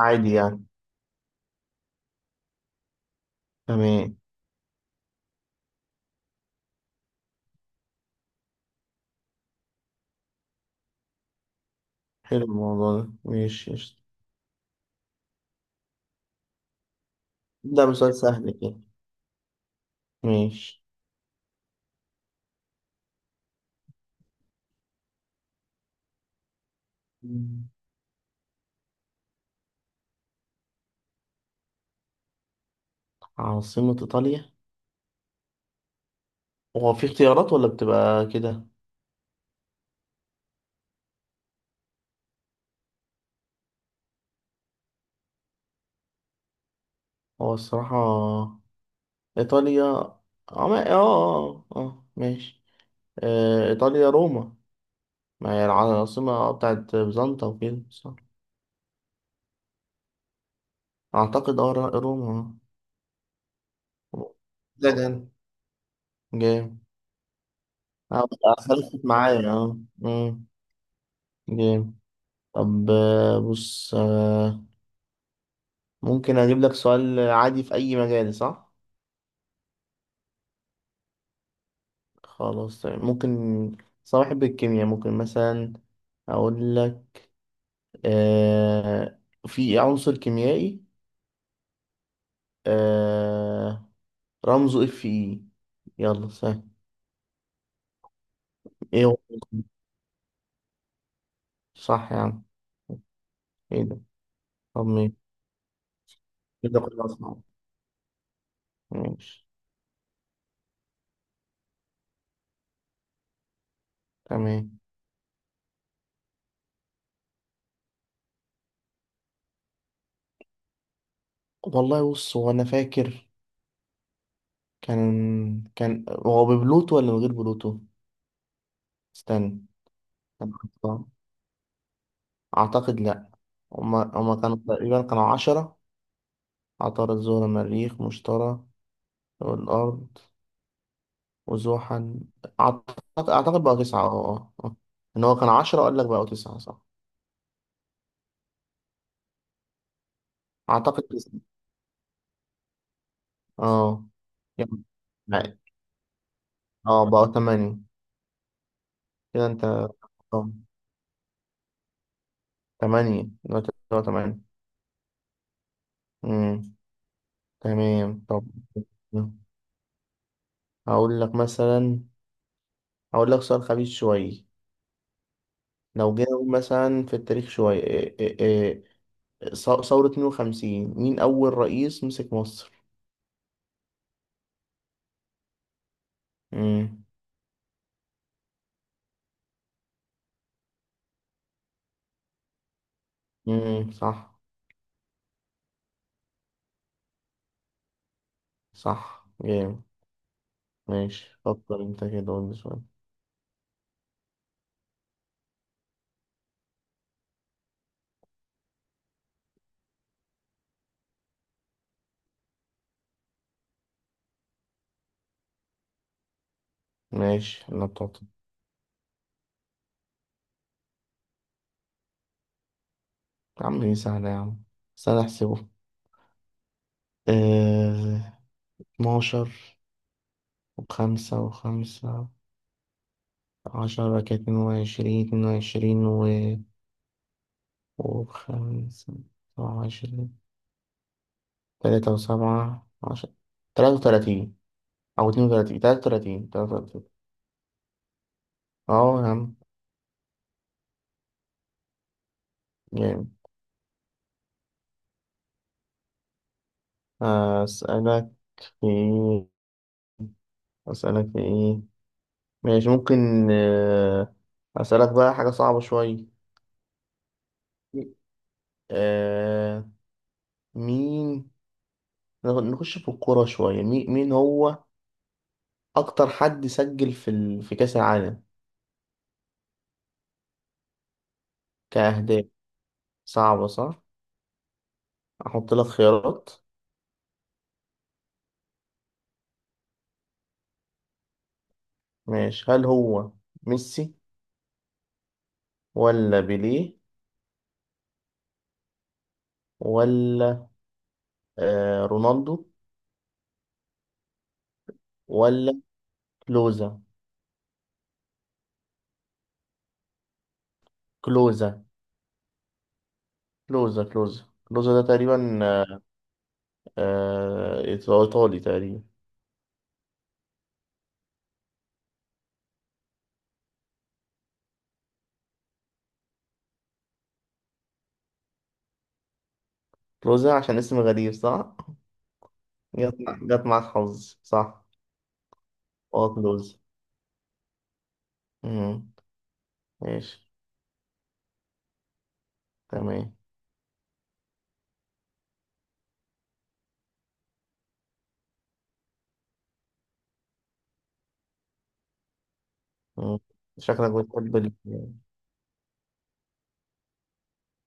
عادي يعني، تمام، حلو الموضوع ده، ماشي قشطة. ده مثال سهل كده، ماشي. مم. عاصمة إيطاليا؟ هو في اختيارات ولا بتبقى كده؟ هو الصراحة، إيطاليا، ماشي، إيطاليا روما. ما هي العاصمة بتاعت بيزنطة وكده، صح؟ أعتقد روما. آه. ده جامد، جامد. اه بس خلصت معايا جامد. طب، بص، ممكن اجيب لك سؤال عادي في اي مجال، صح؟ خلاص، طيب، ممكن. صاحب الكيمياء، ممكن مثلا اقول لك، آه في عنصر كيميائي، آه رمزه Fe. يلا، سهل. ايه هو؟ صح يا عم. ايه ده؟ طب مين؟ كده كله اصعب. ماشي، تمام. والله، بص، هو انا فاكر كان هو ببلوتو ولا من غير بلوتو؟ استنى. أعتقد لأ. هما كانوا تقريبا كانوا 10. عطارد، زهرة، مريخ، مشتري، والأرض، وزحل. أعتقد بقى تسعة. إن هو كان 10، أقول لك بقوا تسعة، صح؟ أعتقد تسعة. اه يعني- يعني- اه بقوا تمانية. كده أنت. اه تمانية دلوقتي، بقوا تمانية. أمم، تمام. طب، هقول لك مثلا هقول لك سؤال خبيث شوية. لو جينا نقول مثلا في التاريخ شوية، ثورة 52، مين أول رئيس مسك مصر؟ مم. مم. صح. صح، جامد. ماشي، فكر انت كده، قول لي سؤال. ماشي، انا بتعطي. يا عم، دي سهلة يا عم. استنى احسبه. اه... 12 وخمسة وخمسة، 10. كانت 22، 22 و... و25. تلاتة وسبعة عشرة. 33. أو 32، 33، 33. اه يا عم، جامد. أسألك في إيه؟ أسألك في إيه. ماشي، ممكن. آه، أسألك بقى حاجة صعبة شوية. آه، مين؟ نخش في الكورة شوية. مين هو أكتر حد سجل في كأس العالم، كأهداف؟ صعبة، صح؟ أحط لك خيارات. ماشي، هل هو ميسي، ولا بيليه، ولا رونالدو، ولا كلوزا؟ كلوزا. كلوزا، كلوزا، كلوزا ده تقريبا، إيطالي تقريبا. كلوزة، عشان اسم غريب، صح؟ جت معاك حظ، صح؟ اه كلوزة. مم. ماشي، تمام. مم. شكلك بتحب ال،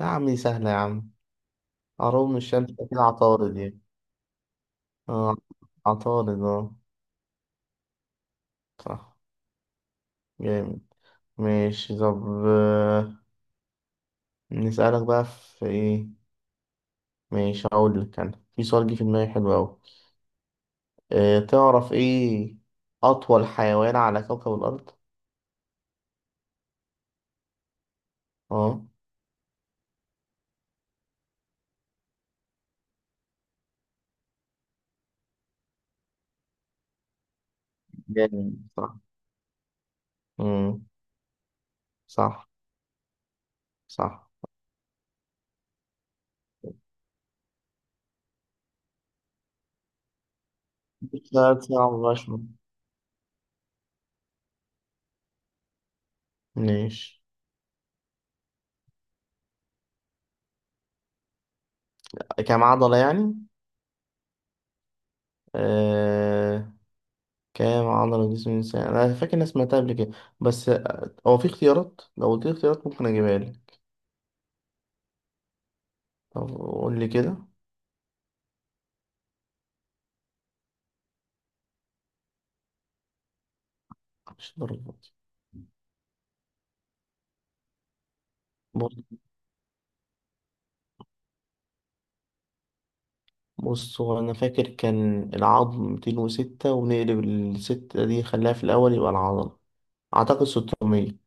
يا عم، دي سهلة يا عم. عروض من الشمس، أكيد عطارد يعني. اه عطارد. اه صح، جامد. ماشي، طب، نسألك بقى في ايه؟ ماشي، هقول لك أنا في سؤال جه في دماغي حلو أوي. تعرف ايه أطول حيوان على كوكب الأرض؟ اه جامد، صح. مم. صح، صح. 3 ساعة مبقاش. ماشي، كام عضلة يعني؟ آه... كام عضلة جسم الإنسان؟ أنا فاكر إني سمعتها قبل كده، بس هو في اختيارات؟ لو قلت لي اختيارات، ممكن أجيبها لك. طب قول لي كده. مش درجات. بص بص، هو أنا فاكر كان العظم 206، ونقلب الستة دي خلاها في الأول يبقى العضلة. أعتقد 600.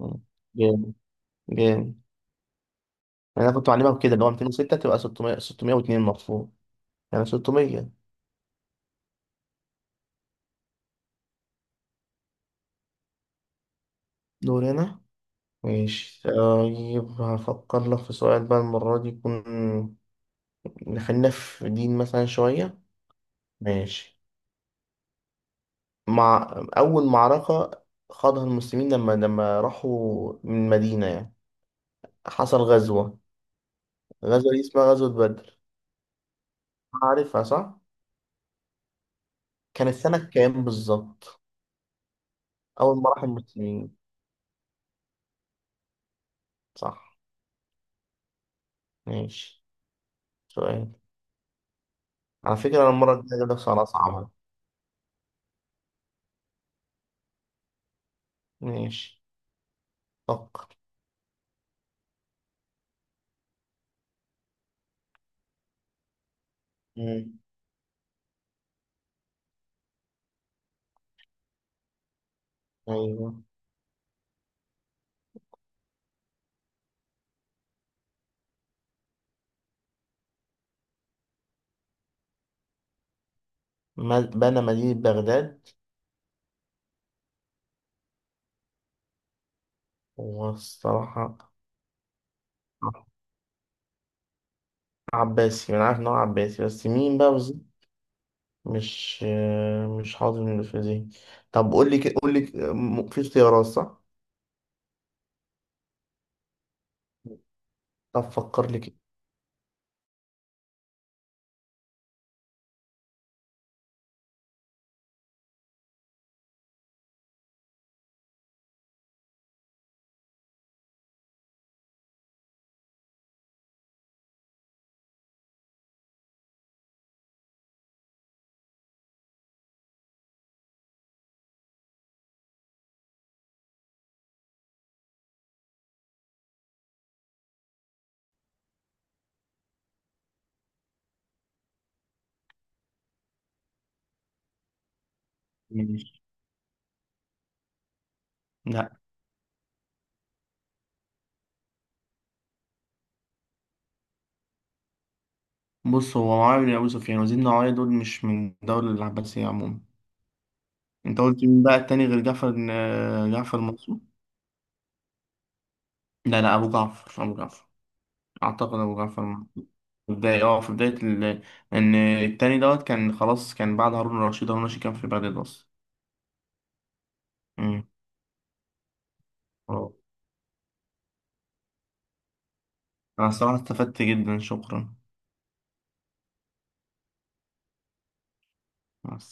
مم. جامد، جامد. أنا كنت معلمها بكده، اللي هو 206 تبقى 600، 602 المفروض. يعني 600. دول هنا. ماشي، طيب، هفكر لك في سؤال بقى المرة دي، يكون خلينا في دين مثلا شوية. ماشي. مع أول معركة خاضها المسلمين لما راحوا من مدينة يعني، حصل غزوة. غزوة دي اسمها غزوة بدر. عارفها صح؟ كانت سنة كام بالظبط؟ أول ما راح المسلمين. صح، ماشي. سؤال. على فكرة، أنا المرة الجاية هجيب لك سؤال أصعب. ماشي، فكر. مم. أيوه. بنى مدينة بغداد. هو الصراحة، عباسي. أنا عارف إن هو عباسي، بس مين بقى بالظبط؟ مش مش حاضر من اللي في ذهني. طب قول لي كده، في اختيارات، صح؟ طب فكر لي كده. ماشي. لا. بص، هو معاوية بن أبي سفيان وزيد النوايا دول مش من الدولة العباسية عموما. أنت قلت مين بقى التاني، غير جعفر المنصور؟ لا، لا، أبو جعفر، أبو جعفر. أعتقد أبو جعفر المنصور. في بداية ال... إن التاني دوت كان خلاص، كان بعد هارون الرشيد. هارون الرشيد كان في بغداد أصلا. مم. أنا الصراحة استفدت جدا، شكرا. مع السلامة.